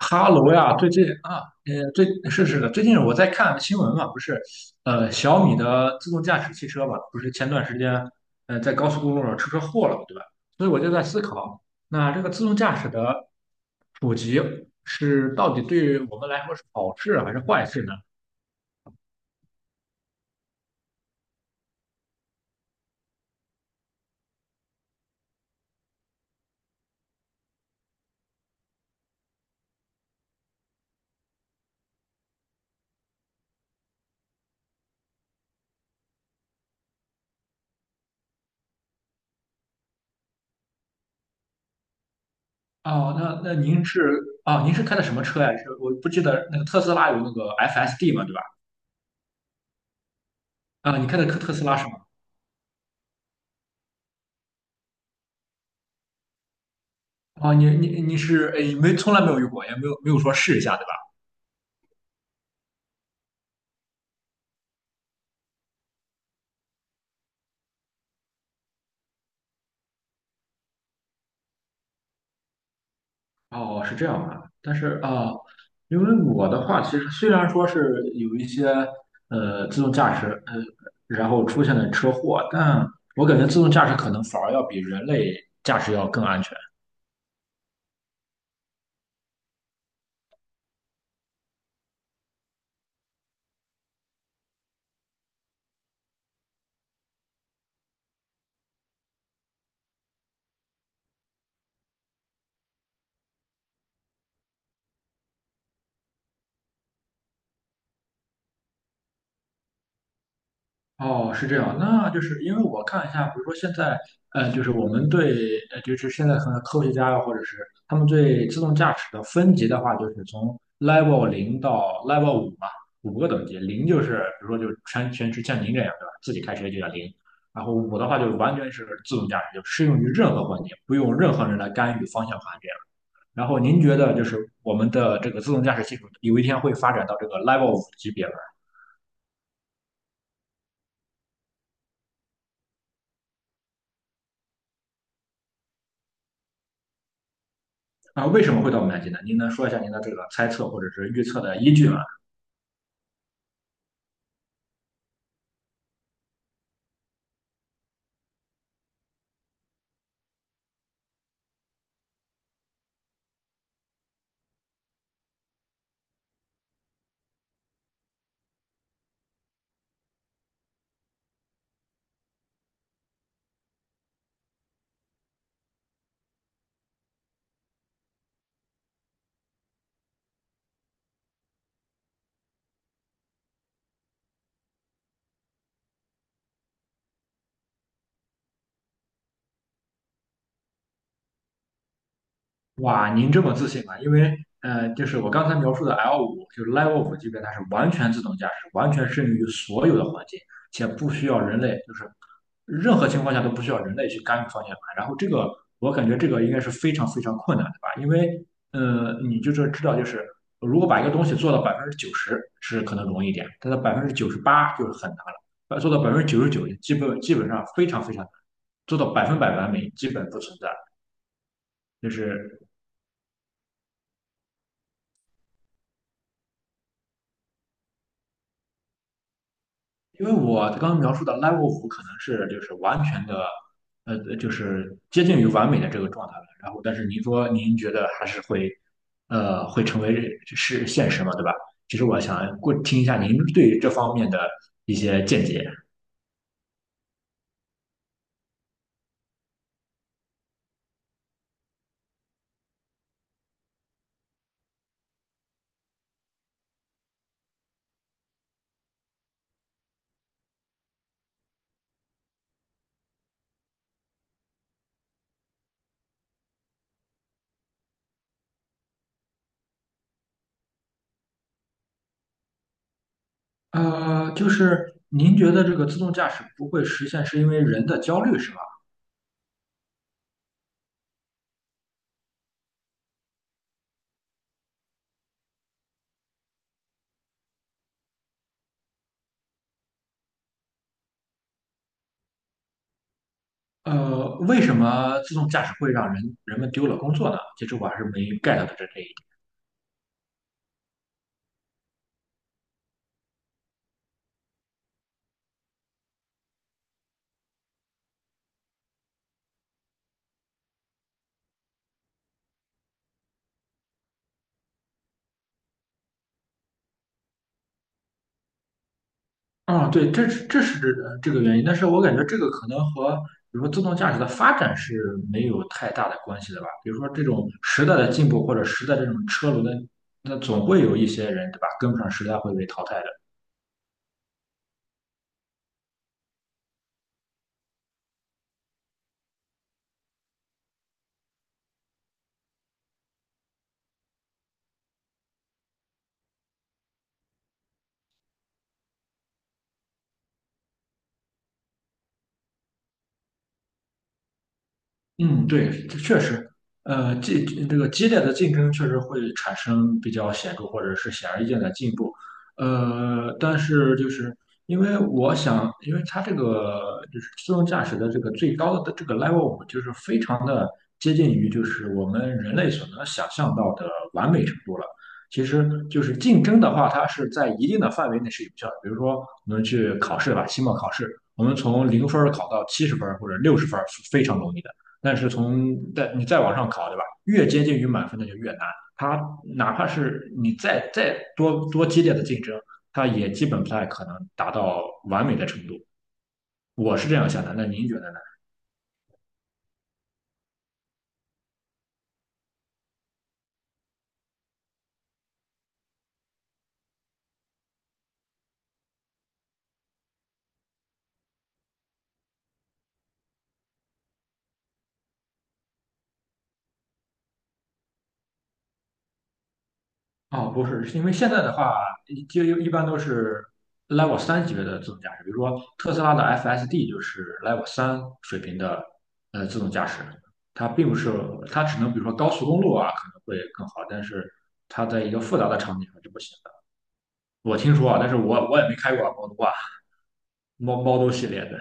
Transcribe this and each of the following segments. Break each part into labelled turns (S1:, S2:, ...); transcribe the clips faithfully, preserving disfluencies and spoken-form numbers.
S1: 哈喽呀，最近啊，呃，最是是的，最近我在看新闻嘛，不是，呃，小米的自动驾驶汽车嘛，不是前段时间，呃，在高速公路上出车祸了嘛，对吧？所以我就在思考，那这个自动驾驶的普及是到底对我们来说是好事啊还是坏事呢？哦，那那您是。啊，您是开的什么车呀？是我不记得那个特斯拉有那个 F S D 嘛，对吧？啊，你开的特特斯拉是吗？啊，你你你是，哎，没从来没有用过，也没有没有说试一下对吧？哦，是这样啊，但是啊。因为我的话，其实虽然说是有一些呃自动驾驶，呃，然后出现了车祸，但我感觉自动驾驶可能反而要比人类驾驶要更安全。哦，是这样，那就是因为我看一下，比如说现在，呃，就是我们对，呃，就是现在可能科学家啊，或者是他们对自动驾驶的分级的话，就是从 Level 零到 Level 五嘛，五个等级，零就是比如说就是全全是像您这样，对吧？自己开车就叫零，然后五的话就是完全是自动驾驶，就适用于任何环境，不用任何人来干预方向盘这样。然后您觉得就是我们的这个自动驾驶技术有一天会发展到这个 Level 五级别吗？啊，为什么会到五年级呢？您能说一下您的这个猜测或者是预测的依据吗？哇，您这么自信啊？因为呃，就是我刚才描述的 l 五，就是 Level 五级别，它是完全自动驾驶，完全适应于所有的环境，且不需要人类，就是任何情况下都不需要人类去干预方向盘。然后这个，我感觉这个应该是非常非常困难的吧？因为呃，你就是知道，就是如果把一个东西做到百分之九十是可能容易一点，但是百分之九十八就是很难了，呃做到百分之九十九，基本基本上非常非常难。做到百分百完美基本不存在，就是因为我刚刚描述的 level 五可能是就是完全的，呃，就是接近于完美的这个状态了。然后，但是您说您觉得还是会，呃，会成为是现实嘛，对吧？其实我想过听一下您对于这方面的一些见解。呃，就是您觉得这个自动驾驶不会实现，是因为人的焦虑是吧？呃，为什么自动驾驶会让人人们丢了工作呢？其实我还是没 get 到这这一。啊，对，这是这是这这个原因，但是我感觉这个可能和比如说自动驾驶的发展是没有太大的关系的吧。比如说这种时代的进步或者时代这种车轮的，那总会有一些人对吧跟不上时代会被淘汰的。嗯，对，这确实，呃，激这个激烈的竞争确实会产生比较显著或者是显而易见的进步，呃，但是就是因为我想，因为它这个就是自动驾驶的这个最高的这个 level 五，就是非常的接近于就是我们人类所能想象到的完美程度了。其实就是竞争的话，它是在一定的范围内是有效的，比如说我们去考试吧，期末考试，我们从零分儿考到七十分儿或者六十分儿是非常容易的。但是从再你再往上考，对吧？越接近于满分的就越难。它哪怕是你再再多多激烈的竞争，它也基本不太可能达到完美的程度。我是这样想的，那您觉得呢？哦，不是，是因为现在的话，就一般都是 Level 三级别的自动驾驶，比如说特斯拉的 F S D 就是 Level 三水平的呃自动驾驶，它并不是，它只能比如说高速公路啊可能会更好，但是它在一个复杂的场景上就不行。我听说啊，但是我我也没开过啊猫奴啊，猫猫奴系列的。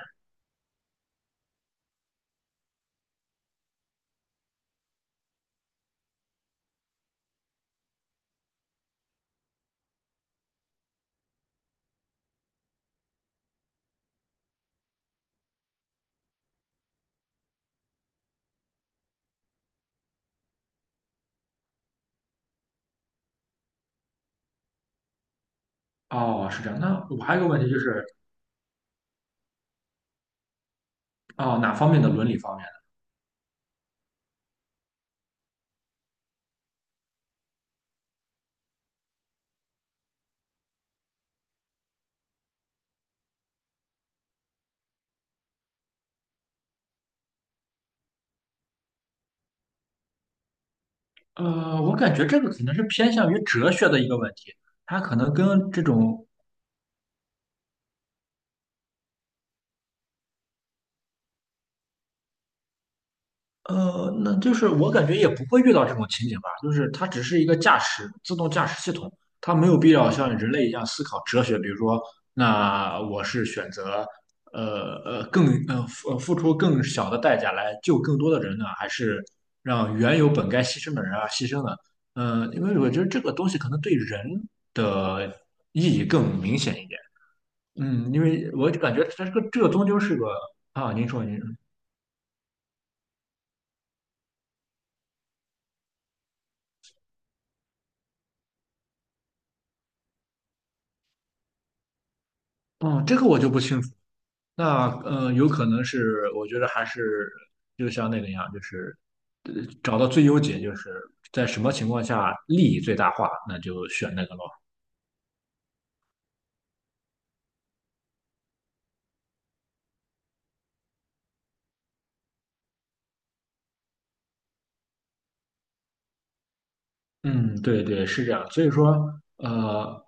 S1: 哦，是这样。那我还有个问题就是，哦，哪方面的伦理方面的？呃，我感觉这个可能是偏向于哲学的一个问题，它可能跟这种呃，那就是我感觉也不会遇到这种情景吧，就是它只是一个驾驶自动驾驶系统，它没有必要像人类一样思考哲学，比如说，那我是选择呃呃更呃付呃付出更小的代价来救更多的人呢，还是让原有本该牺牲的人啊牺牲呢？嗯，因为我觉得这个东西可能对人的意义更明显一点。嗯，因为我就感觉它这个这个终究是个啊，您说您说。哦，这个我就不清楚。那嗯，呃有可能是，我觉得还是就像那个一样，就是呃找到最优解，就是在什么情况下利益最大化，那就选那个咯。嗯，对对，是这样。所以说，呃，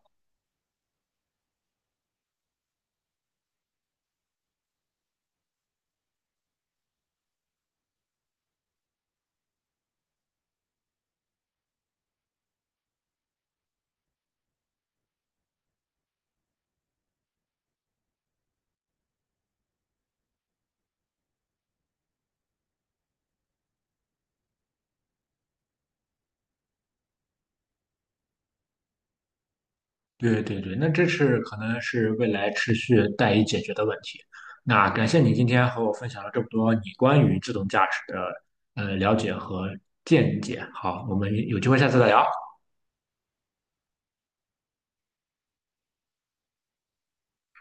S1: 对对对，那这是可能是未来持续待以解决的问题。那感谢你今天和我分享了这么多你关于自动驾驶的呃了解和见解。好，我们有机会下次再聊。